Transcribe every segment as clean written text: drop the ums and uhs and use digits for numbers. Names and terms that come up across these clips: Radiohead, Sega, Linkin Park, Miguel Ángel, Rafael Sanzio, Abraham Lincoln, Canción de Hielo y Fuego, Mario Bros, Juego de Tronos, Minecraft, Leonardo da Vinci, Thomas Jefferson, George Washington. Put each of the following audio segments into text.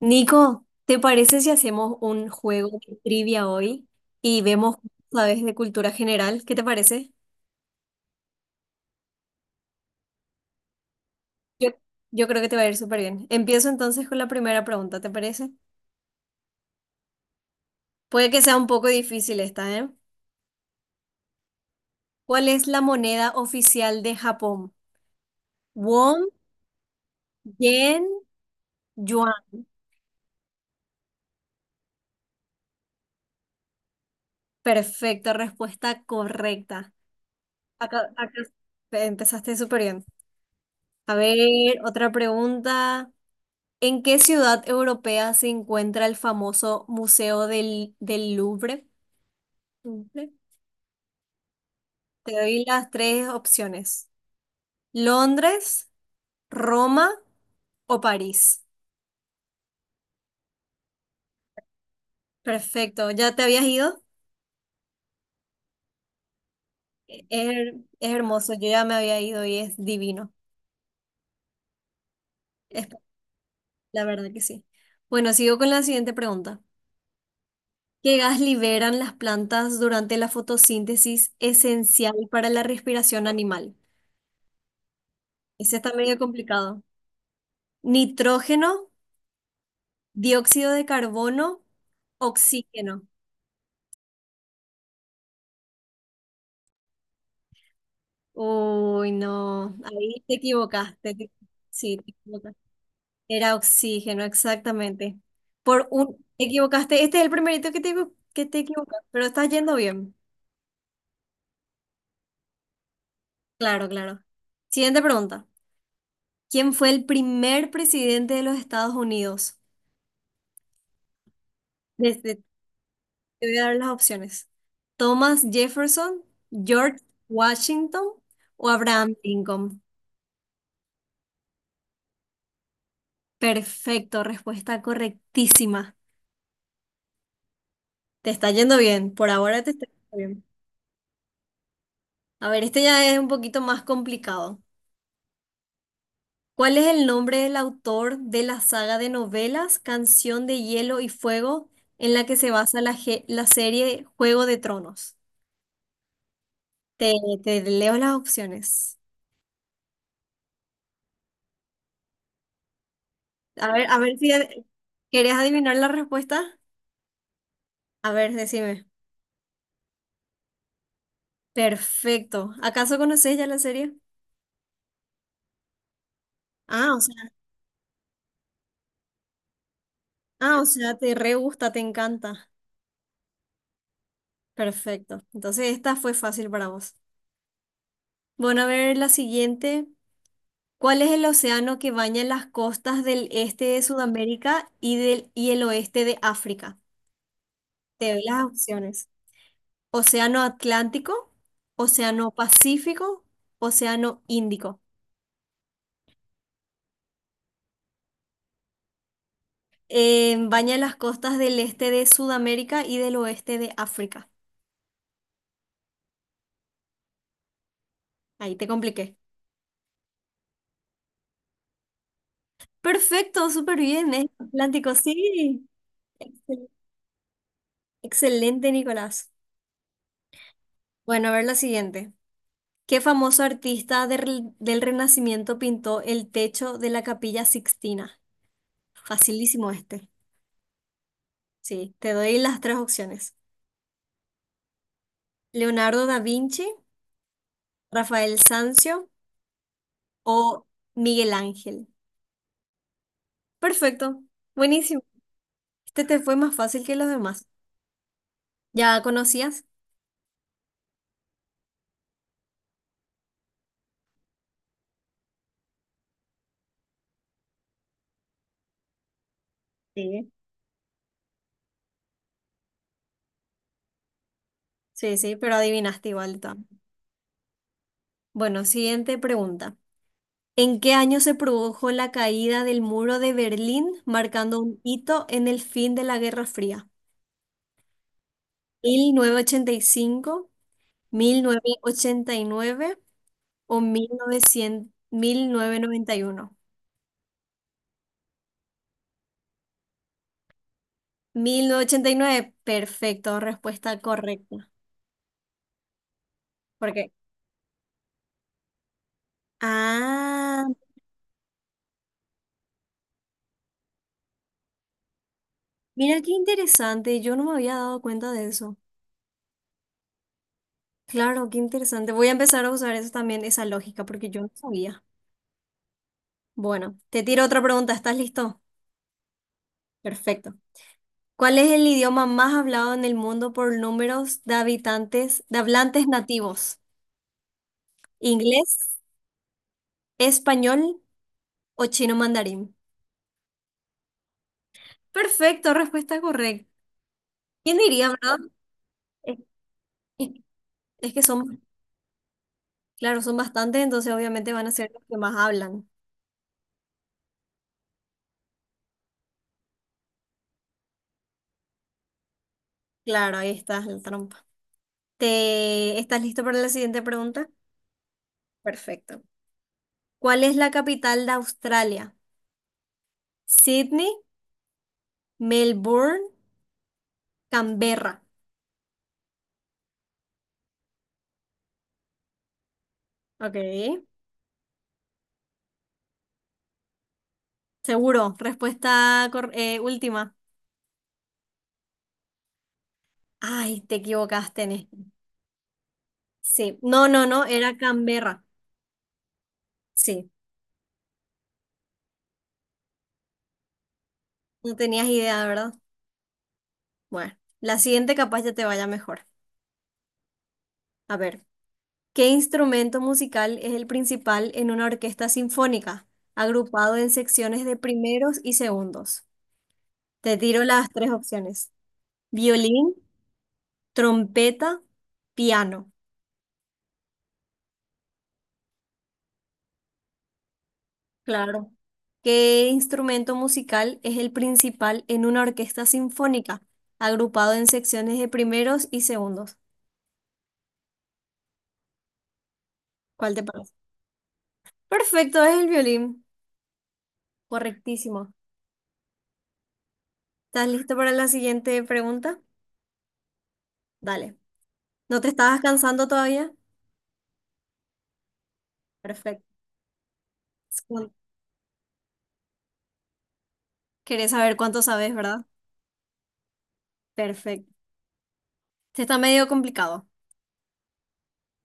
Nico, ¿te parece si hacemos un juego de trivia hoy y vemos, sabes, de cultura general? ¿Qué te parece? Yo, yo creo que te va a ir súper bien. Empiezo entonces con la primera pregunta, ¿te parece? Puede que sea un poco difícil esta, ¿eh? ¿Cuál es la moneda oficial de Japón? Won, yen, yuan. Perfecto, respuesta correcta. Acá empezaste súper bien. A ver, otra pregunta. ¿En qué ciudad europea se encuentra el famoso Museo del Louvre? Louvre. Te doy las tres opciones. Londres, Roma o París. Perfecto. ¿Ya te habías ido? Es hermoso. Yo ya me había ido y es divino. Es, la verdad que sí. Bueno, sigo con la siguiente pregunta. ¿Qué gas liberan las plantas durante la fotosíntesis esencial para la respiración animal? Ese está medio complicado. ¿Nitrógeno? Dióxido de carbono, oxígeno. Uy, no, ahí te equivocaste. Sí, te equivocaste. Era oxígeno, exactamente. Te equivocaste. Este es el primerito que te equivocas, pero estás yendo bien. Claro, claro. Siguiente pregunta. ¿Quién fue el primer presidente de los Estados Unidos? Te voy a dar las opciones. ¿Thomas Jefferson, George Washington o Abraham Lincoln? Perfecto, respuesta correctísima. Te está yendo bien, por ahora te está yendo bien. A ver, este ya es un poquito más complicado. ¿Cuál es el nombre del autor de la saga de novelas Canción de Hielo y Fuego en la que se basa la serie Juego de Tronos? Te, te leo las opciones. A ver si querés adivinar la respuesta. A ver, decime. Perfecto. ¿Acaso conoces ya la serie? Ah, o sea, ah, o sea, te re gusta, te encanta. Perfecto. Entonces esta fue fácil para vos. Bueno, a ver la siguiente. ¿Cuál es el océano que baña las costas del este de Sudamérica y del y el oeste de África? Te doy las opciones. Océano Atlántico, Océano Pacífico, Océano Índico. Baña las costas del este de Sudamérica y del oeste de África. Ahí te compliqué. Perfecto, súper bien, es Atlántico, sí. Excel- Excelente, Nicolás. Bueno, a ver la siguiente. ¿Qué famoso artista del Renacimiento pintó el techo de la Capilla Sixtina? Facilísimo este. Sí, te doy las tres opciones. Leonardo da Vinci, Rafael Sanzio o Miguel Ángel. Perfecto, buenísimo. Este te fue más fácil que los demás. ¿Ya conocías? Sí. Sí, sí, pero adivinaste igual. De todas. Bueno, siguiente pregunta. ¿En qué año se produjo la caída del muro de Berlín, marcando un hito en el fin de la Guerra Fría? Mil novecientos ochenta y cinco, 1989 o mil novecientos noventa y uno, 1989, perfecto, respuesta correcta. ¿Por qué? Ah, mira qué interesante, yo no me había dado cuenta de eso. Claro, qué interesante. Voy a empezar a usar eso también, esa lógica, porque yo no sabía. Bueno, te tiro otra pregunta, ¿estás listo? Perfecto. ¿Cuál es el idioma más hablado en el mundo por números de hablantes nativos? ¿Inglés? ¿Español o chino mandarín? Perfecto, respuesta correcta. ¿Quién diría, verdad? Es, es- es que son, claro, son bastantes, entonces obviamente van a ser los que más hablan. Claro, ahí está la trampa. ¿Estás listo para la siguiente pregunta? Perfecto. ¿Cuál es la capital de Australia? Sydney, Melbourne, Canberra. Ok. Seguro, respuesta última. Ay, te equivocaste en esto. Sí. No, no, no, era Canberra. Sí. No tenías idea, ¿verdad? Bueno, la siguiente capaz ya te vaya mejor. A ver, ¿qué instrumento musical es el principal en una orquesta sinfónica, agrupado en secciones de primeros y segundos? Te tiro las tres opciones. Violín, trompeta, piano. Claro. ¿Qué instrumento musical es el principal en una orquesta sinfónica, agrupado en secciones de primeros y segundos? ¿Cuál te parece? Perfecto, es el violín. Correctísimo. ¿Estás listo para la siguiente pregunta? Dale. ¿No te estabas cansando todavía? Perfecto. Es cuan- Querés saber cuánto sabes, ¿verdad? Perfecto. Este está medio complicado.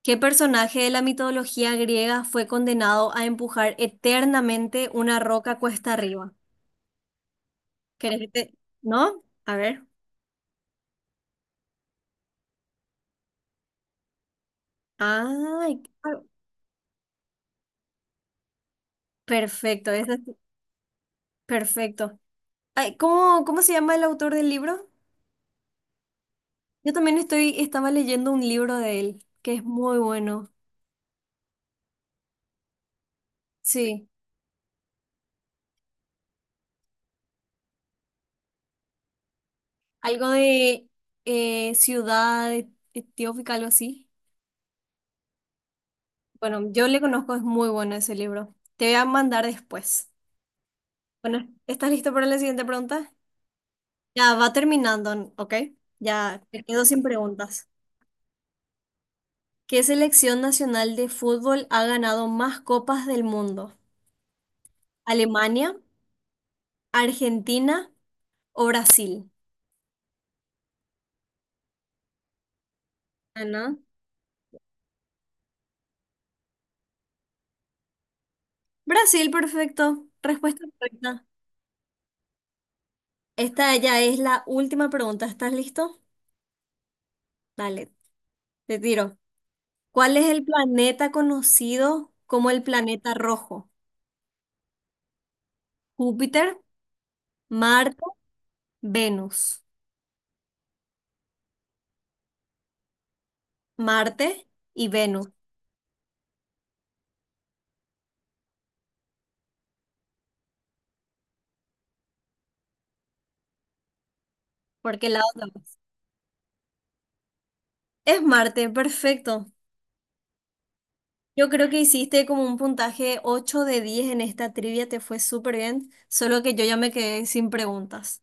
¿Qué personaje de la mitología griega fue condenado a empujar eternamente una roca cuesta arriba? ¿Querés que te... ¿No? A ver. Ay, perfecto. Perfecto. Ay, ¿cómo se llama el autor del libro? Yo también estaba leyendo un libro de él, que es muy bueno. Sí. Algo de ciudad etiópica, algo así. Bueno, yo le conozco, es muy bueno ese libro. Te voy a mandar después. Bueno, ¿estás listo para la siguiente pregunta? Ya va terminando, ¿ok? Ya me quedo sin preguntas. ¿Qué selección nacional de fútbol ha ganado más copas del mundo? ¿Alemania, Argentina o Brasil? Ah, ¿no? Brasil, perfecto. Respuesta correcta. Esta ya es la última pregunta. ¿Estás listo? Dale, te tiro. ¿Cuál es el planeta conocido como el planeta rojo? Júpiter, Marte, Venus. Marte y Venus, porque la otra vez. Es Marte, perfecto. Yo creo que hiciste como un puntaje 8 de 10 en esta trivia, te fue súper bien, solo que yo ya me quedé sin preguntas.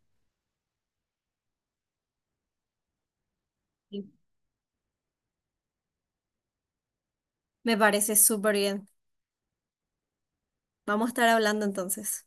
Sí. Me parece súper bien. Vamos a estar hablando entonces.